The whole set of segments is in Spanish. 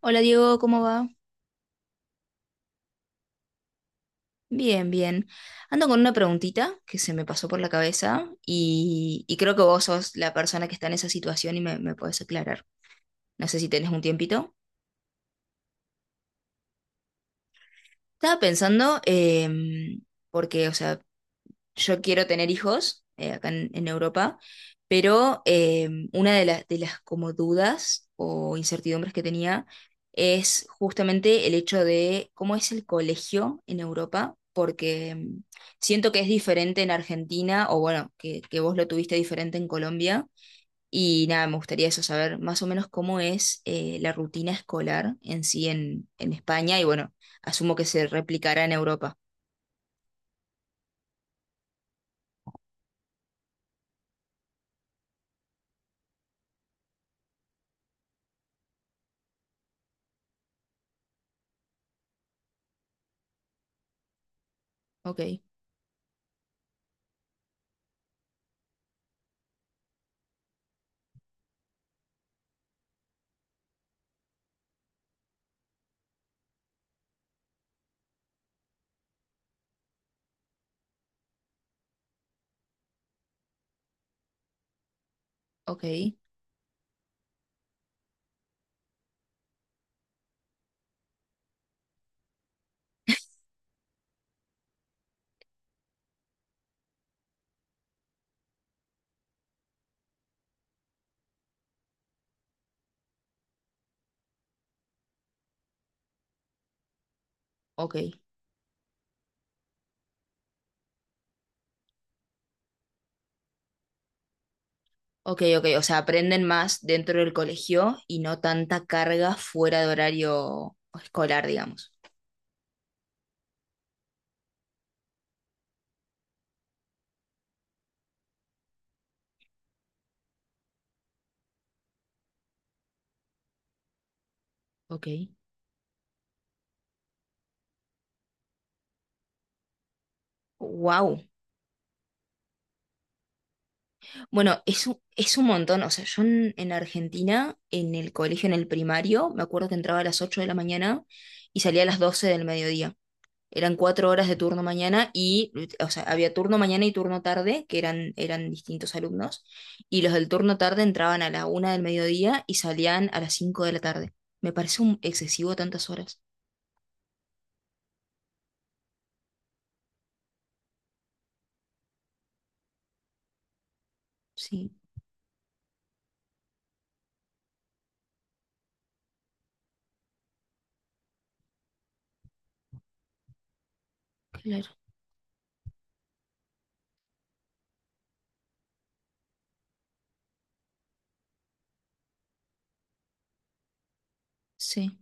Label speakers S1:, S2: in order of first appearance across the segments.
S1: Hola Diego, ¿cómo va? Bien, bien. Ando con una preguntita que se me pasó por la cabeza y creo que vos sos la persona que está en esa situación y me podés aclarar. No sé si tenés un tiempito. Estaba pensando, porque, o sea, yo quiero tener hijos acá en Europa, pero una de las como dudas o incertidumbres que tenía es justamente el hecho de cómo es el colegio en Europa, porque siento que es diferente en Argentina, o bueno, que vos lo tuviste diferente en Colombia, y nada, me gustaría eso saber más o menos cómo es la rutina escolar en sí en España, y bueno, asumo que se replicará en Europa. Ok, ok, ok. Ok, ok, o sea, aprenden más dentro del colegio y no tanta carga fuera de horario escolar, digamos. Ok. Wow. Bueno, es un montón. O sea, yo en Argentina, en el colegio, en el primario, me acuerdo que entraba a las 8 de la mañana y salía a las 12 del mediodía. Eran cuatro horas de turno mañana y, o sea, había turno mañana y turno tarde, que eran distintos alumnos, y los del turno tarde entraban a la 1 del mediodía y salían a las 5 de la tarde. Me parece un excesivo tantas horas. Sí, claro, sí,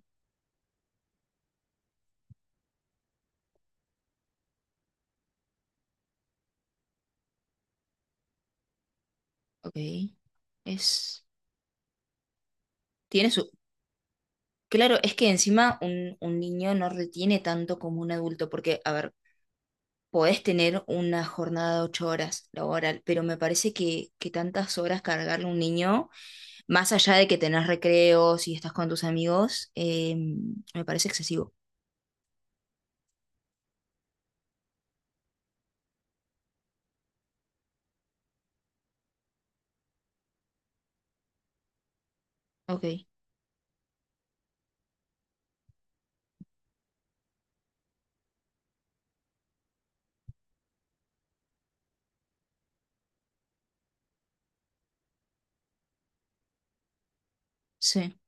S1: ok. Es, tiene su, claro, es que encima un niño no retiene tanto como un adulto, porque, a ver, podés tener una jornada de ocho horas laboral, pero me parece que tantas horas cargarle a un niño. Más allá de que tenés recreos y estás con tus amigos, me parece excesivo. Ok, sí,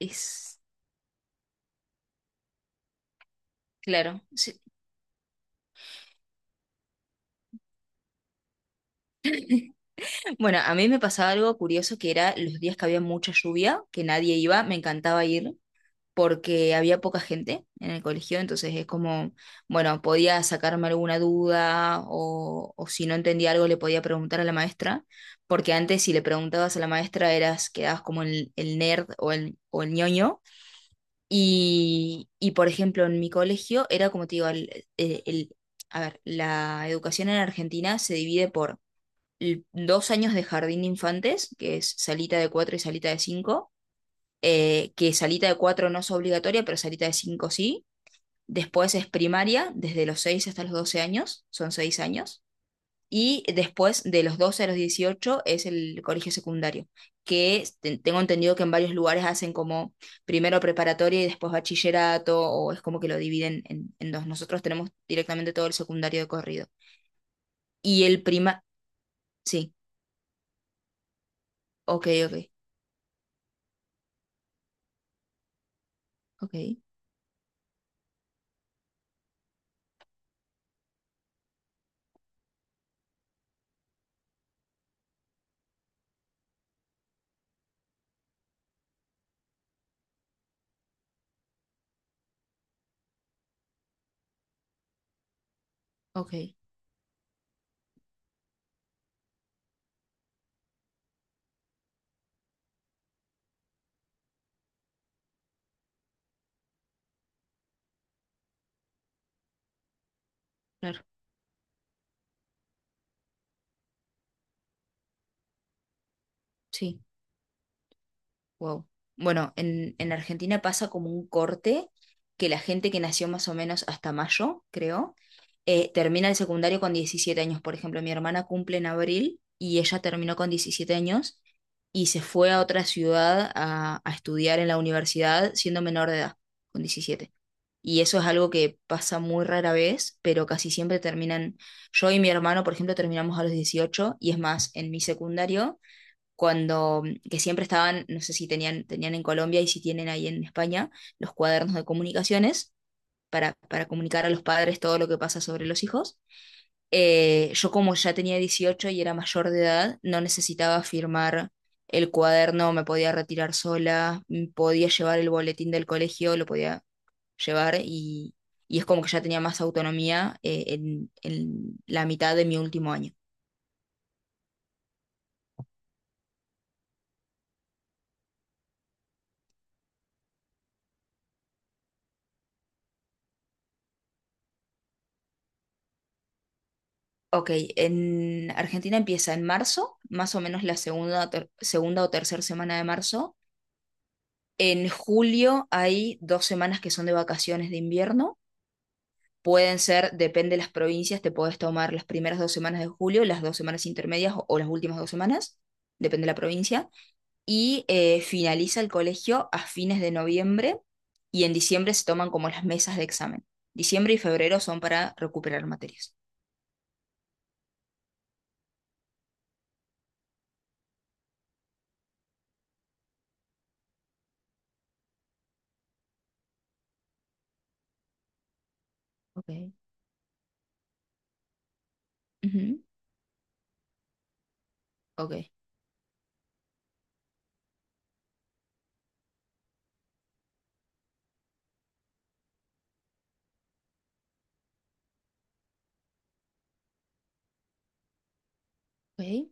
S1: es claro. Sí. Bueno, a mí me pasaba algo curioso que era los días que había mucha lluvia, que nadie iba, me encantaba ir porque había poca gente en el colegio, entonces es como, bueno, podía sacarme alguna duda o si no entendía algo le podía preguntar a la maestra, porque antes si le preguntabas a la maestra eras, quedabas como el nerd o el ñoño. Y, por ejemplo, en mi colegio era como te digo, a ver, la educación en Argentina se divide por dos años de jardín de infantes, que es salita de cuatro y salita de cinco, que salita de cuatro no es obligatoria, pero salita de cinco sí. Después es primaria, desde los seis hasta los 12 años, son seis años. Y después, de los 12 a los 18 es el colegio secundario, tengo entendido que en varios lugares hacen como primero preparatoria y después bachillerato, o es como que lo dividen en dos. Nosotros tenemos directamente todo el secundario de corrido. Y el prima, sí, ok, ok, ok, ok, claro, sí. Wow. Bueno, en Argentina pasa como un corte que la gente que nació más o menos hasta mayo, creo, termina el secundario con 17 años. Por ejemplo, mi hermana cumple en abril y ella terminó con 17 años y se fue a otra ciudad a estudiar en la universidad siendo menor de edad, con 17. Y eso es algo que pasa muy rara vez, pero casi siempre terminan, yo y mi hermano, por ejemplo, terminamos a los 18 y es más, en mi secundario cuando, que siempre estaban, no sé si tenían, en Colombia y si tienen ahí en España, los cuadernos de comunicaciones para comunicar a los padres todo lo que pasa sobre los hijos. Yo como ya tenía 18 y era mayor de edad, no necesitaba firmar el cuaderno, me podía retirar sola, podía llevar el boletín del colegio, lo podía llevar y es como que ya tenía más autonomía en la mitad de mi último año. Ok, en Argentina empieza en marzo, más o menos la segunda, segunda o tercera semana de marzo. En julio hay dos semanas que son de vacaciones de invierno. Pueden ser, depende de las provincias, te puedes tomar las primeras dos semanas de julio, las dos semanas intermedias o las últimas dos semanas, depende de la provincia. Y finaliza el colegio a fines de noviembre y en diciembre se toman como las mesas de examen. Diciembre y febrero son para recuperar materias. Ok, ujú, ok. Ok.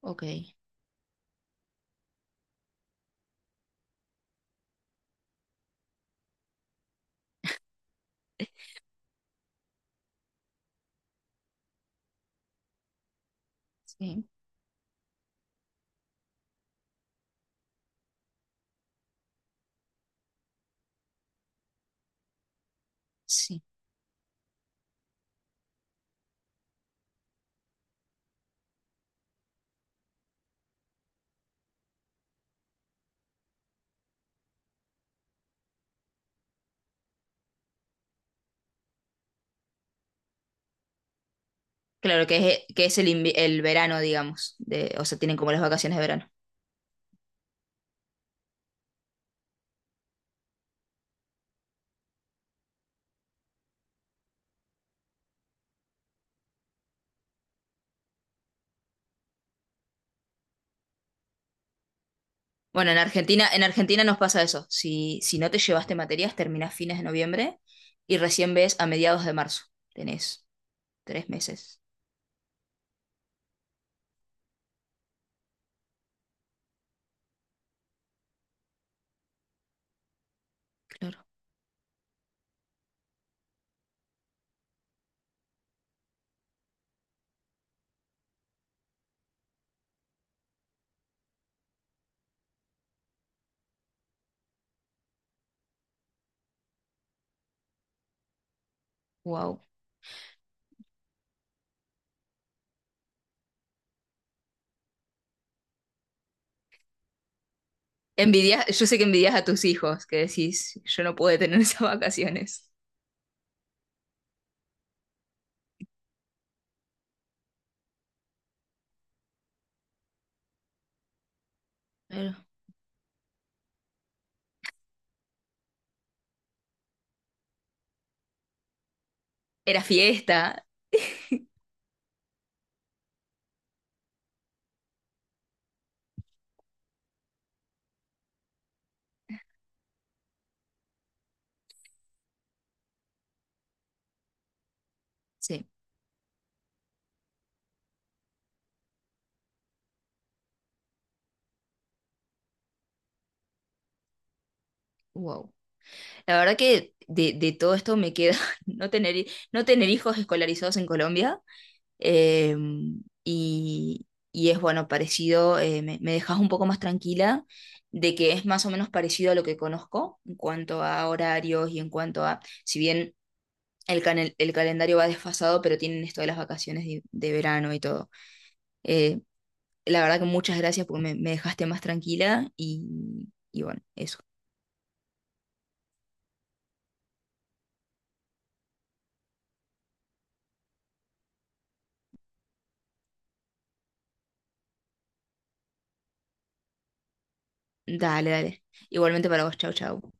S1: Ok, sí, sí. Claro que es el verano, digamos, de, o sea, tienen como las vacaciones de verano. Bueno, en Argentina nos pasa eso. Si no te llevaste materias, terminás fines de noviembre y recién ves a mediados de marzo. Tenés tres meses. Claro. Wow. Envidias, yo sé que envidias a tus hijos, que decís, yo no pude tener esas vacaciones. Claro. Era fiesta. Sí. Wow. La verdad que de todo esto me queda no tener, no tener hijos escolarizados en Colombia eh, y, y es bueno, parecido, me dejas un poco más tranquila de que es más o menos parecido a lo que conozco en cuanto a horarios y en cuanto a, si bien el calendario va desfasado, pero tienen esto de las vacaciones de verano y todo. Eh, la verdad que muchas gracias porque me dejaste más tranquila y bueno, eso. Dale, dale. Igualmente para vos, chau, chau.